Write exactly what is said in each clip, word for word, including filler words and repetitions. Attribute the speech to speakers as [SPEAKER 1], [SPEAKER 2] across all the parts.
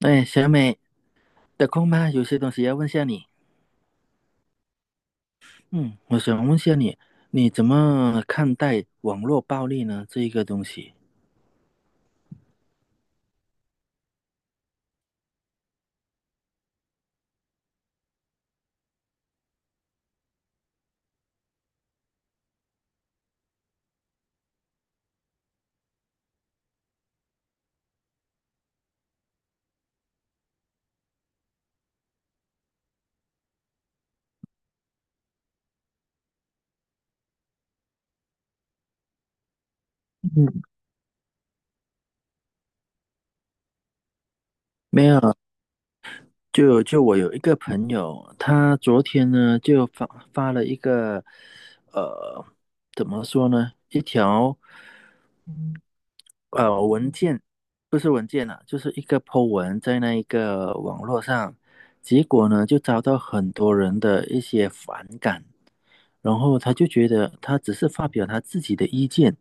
[SPEAKER 1] 哎，小美，得空吗？有些东西要问下你。嗯，我想问下你，你怎么看待网络暴力呢？这一个东西，嗯，没有，就就我有一个朋友，他昨天呢就发发了一个，呃，怎么说呢？一条嗯呃文件，不是文件啊，就是一个 po 文在那一个网络上，结果呢就遭到很多人的一些反感，然后他就觉得他只是发表他自己的意见，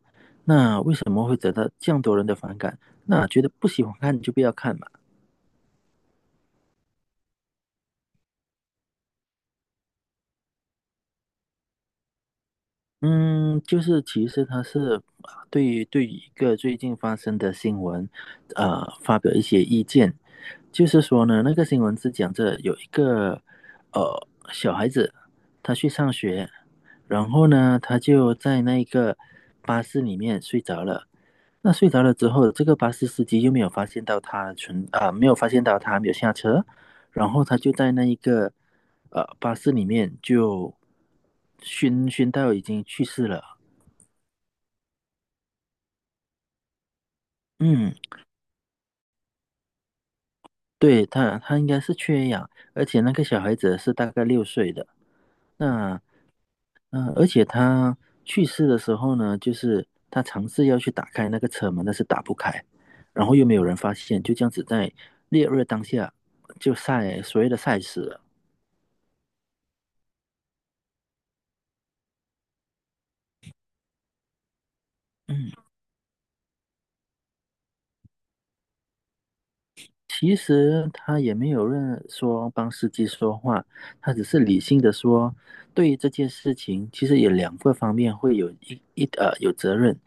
[SPEAKER 1] 那为什么会得到这样多人的反感？那觉得不喜欢看就不要看嘛。嗯，就是其实他是啊对于对于一个最近发生的新闻，呃，发表一些意见。就是说呢，那个新闻是讲着有一个呃小孩子，他去上学，然后呢，他就在那个巴士里面睡着了。那睡着了之后，这个巴士司机又没有发现到他存啊、没有发现到他没有下车，然后他就在那一个呃巴士里面就熏熏到已经去世了。嗯，对他，他应该是缺氧，而且那个小孩子是大概六岁的。那嗯、呃而且他去世的时候呢，就是他尝试要去打开那个车门，但是打不开，然后又没有人发现，就这样子在烈日当下就晒所谓的晒死了。嗯，其实他也没有任说帮司机说话，他只是理性的说，对于这件事情，其实有两个方面会有一一呃有责任。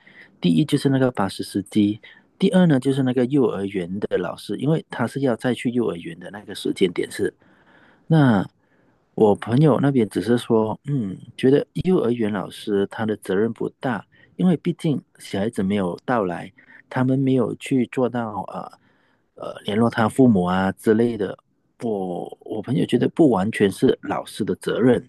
[SPEAKER 1] 第一就是那个巴士司机，第二呢就是那个幼儿园的老师，因为他是要再去幼儿园的那个时间点是那我朋友那边只是说，嗯，觉得幼儿园老师他的责任不大，因为毕竟小孩子没有到来，他们没有去做到呃呃联络他父母啊之类的。我我朋友觉得不完全是老师的责任，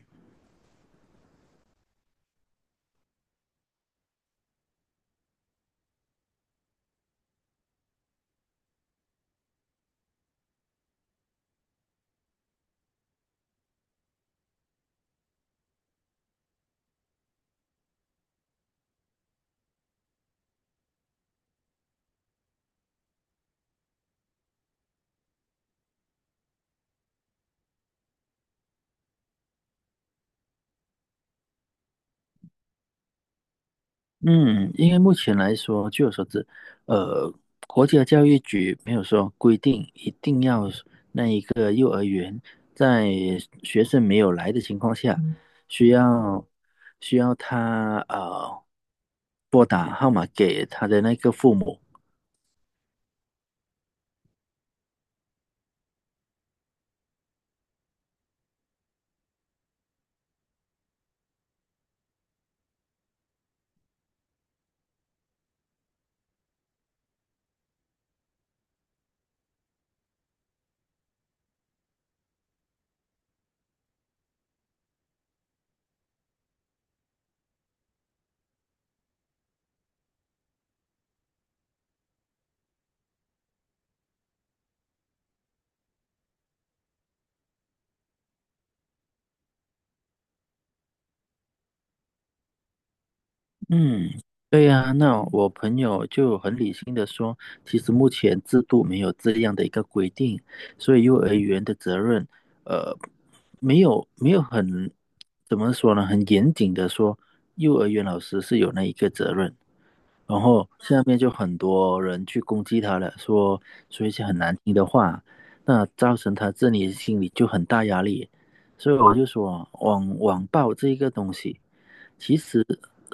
[SPEAKER 1] 嗯，因为目前来说，据我所知，呃，国家教育局没有说规定一定要。在学生没有来的情况下，嗯需要需要他呃拨打号码给他的那个父母。嗯，对呀，那我朋友就很理性的说，其实目前制度没有这样的一个规定，所以幼儿园的责任，呃，没有没有很，怎么说呢，很严谨的说，幼儿园老师是有那一个责任。然后下面就很多人去攻击他了，说说一些很难听的话，那造成他自己心里就很大压力。所以我就说，网网暴这一个东西，其实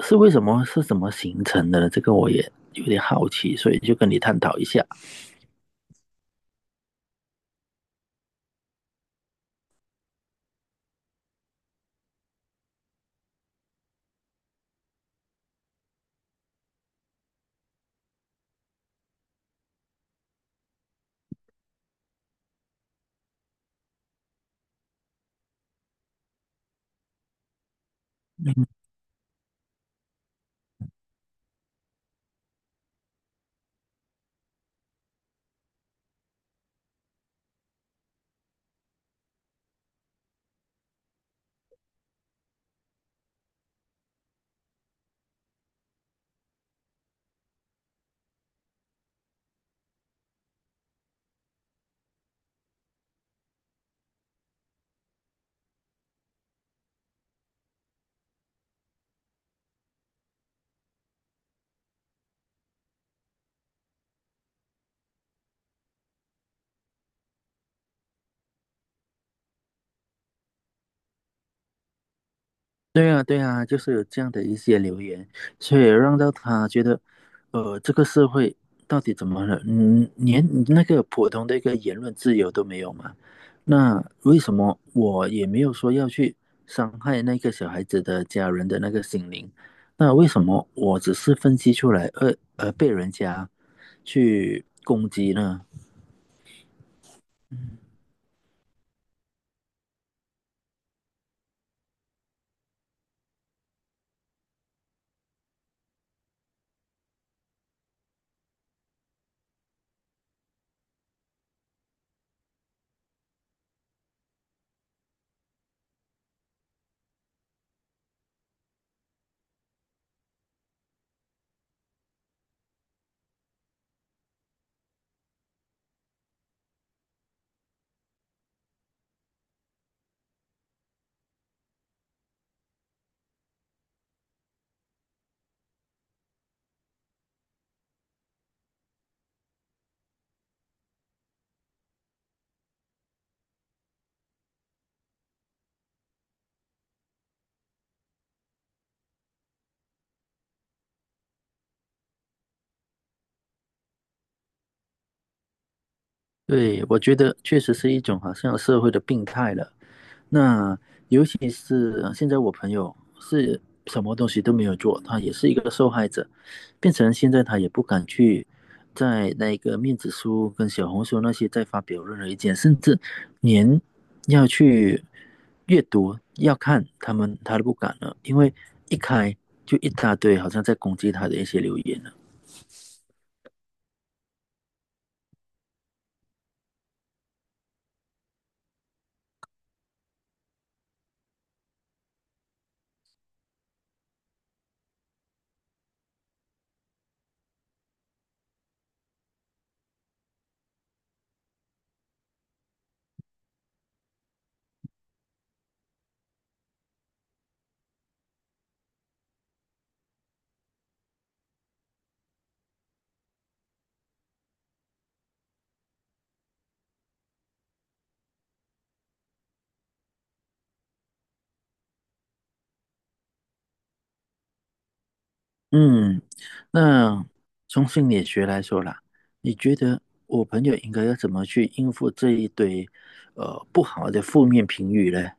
[SPEAKER 1] 是为什么是怎么形成的呢？这个我也有点好奇，所以就跟你探讨一下。对啊，对啊，就是有这样的一些留言，所以让到他觉得，呃，这个社会到底怎么了？嗯，连那个普通的一个言论自由都没有嘛？那为什么我也没有说要去伤害那个小孩子的家人的那个心灵？那为什么我只是分析出来，而而被人家去攻击呢？对，我觉得确实是一种好像社会的病态了。那尤其是呃现在我朋友是什么东西都没有做，他也是一个受害者，变成现在他也不敢去在那个面子书跟小红书那些再发表任何意见，甚至连要去阅读、要看他们他都不敢了，因为一开就一大堆好像在攻击他的一些留言了。嗯，那从心理学来说啦，你觉得我朋友应该要怎么去应付这一堆呃不好的负面评语呢？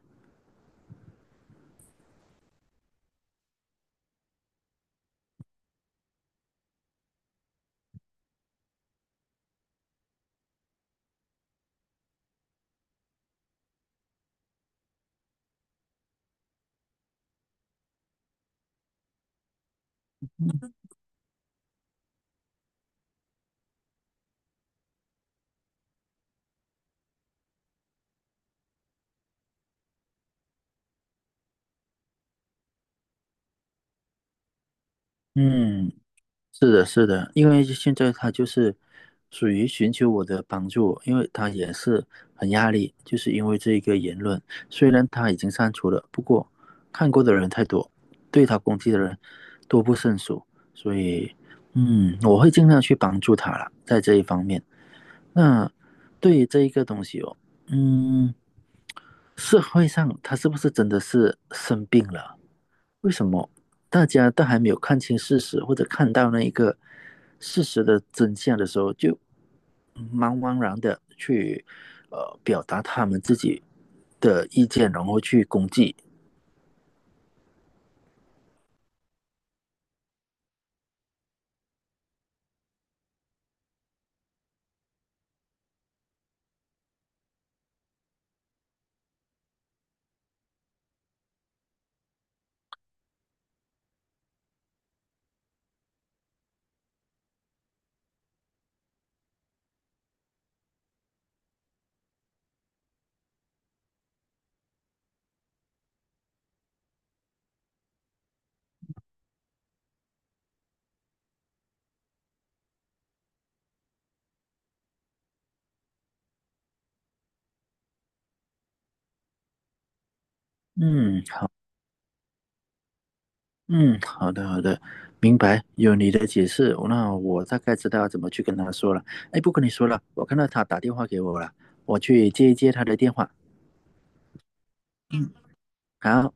[SPEAKER 1] 嗯，是的，是的，因为现在他就是属于寻求我的帮助，因为他也是很压力，就是因为这一个言论，虽然他已经删除了，不过看过的人太多，对他攻击的人多不胜数，所以嗯，我会尽量去帮助他了，在这一方面。那对于这一个东西哦，嗯，社会上他是不是真的是生病了？为什么大家都还没有看清事实，或者看到那一个事实的真相的时候，就茫茫然的去呃表达他们自己的意见，然后去攻击？嗯，好。嗯，好的好的，明白，有你的解释，那我大概知道怎么去跟他说了。哎，不跟你说了，我看到他打电话给我了，我去接一接他的电话。嗯，好。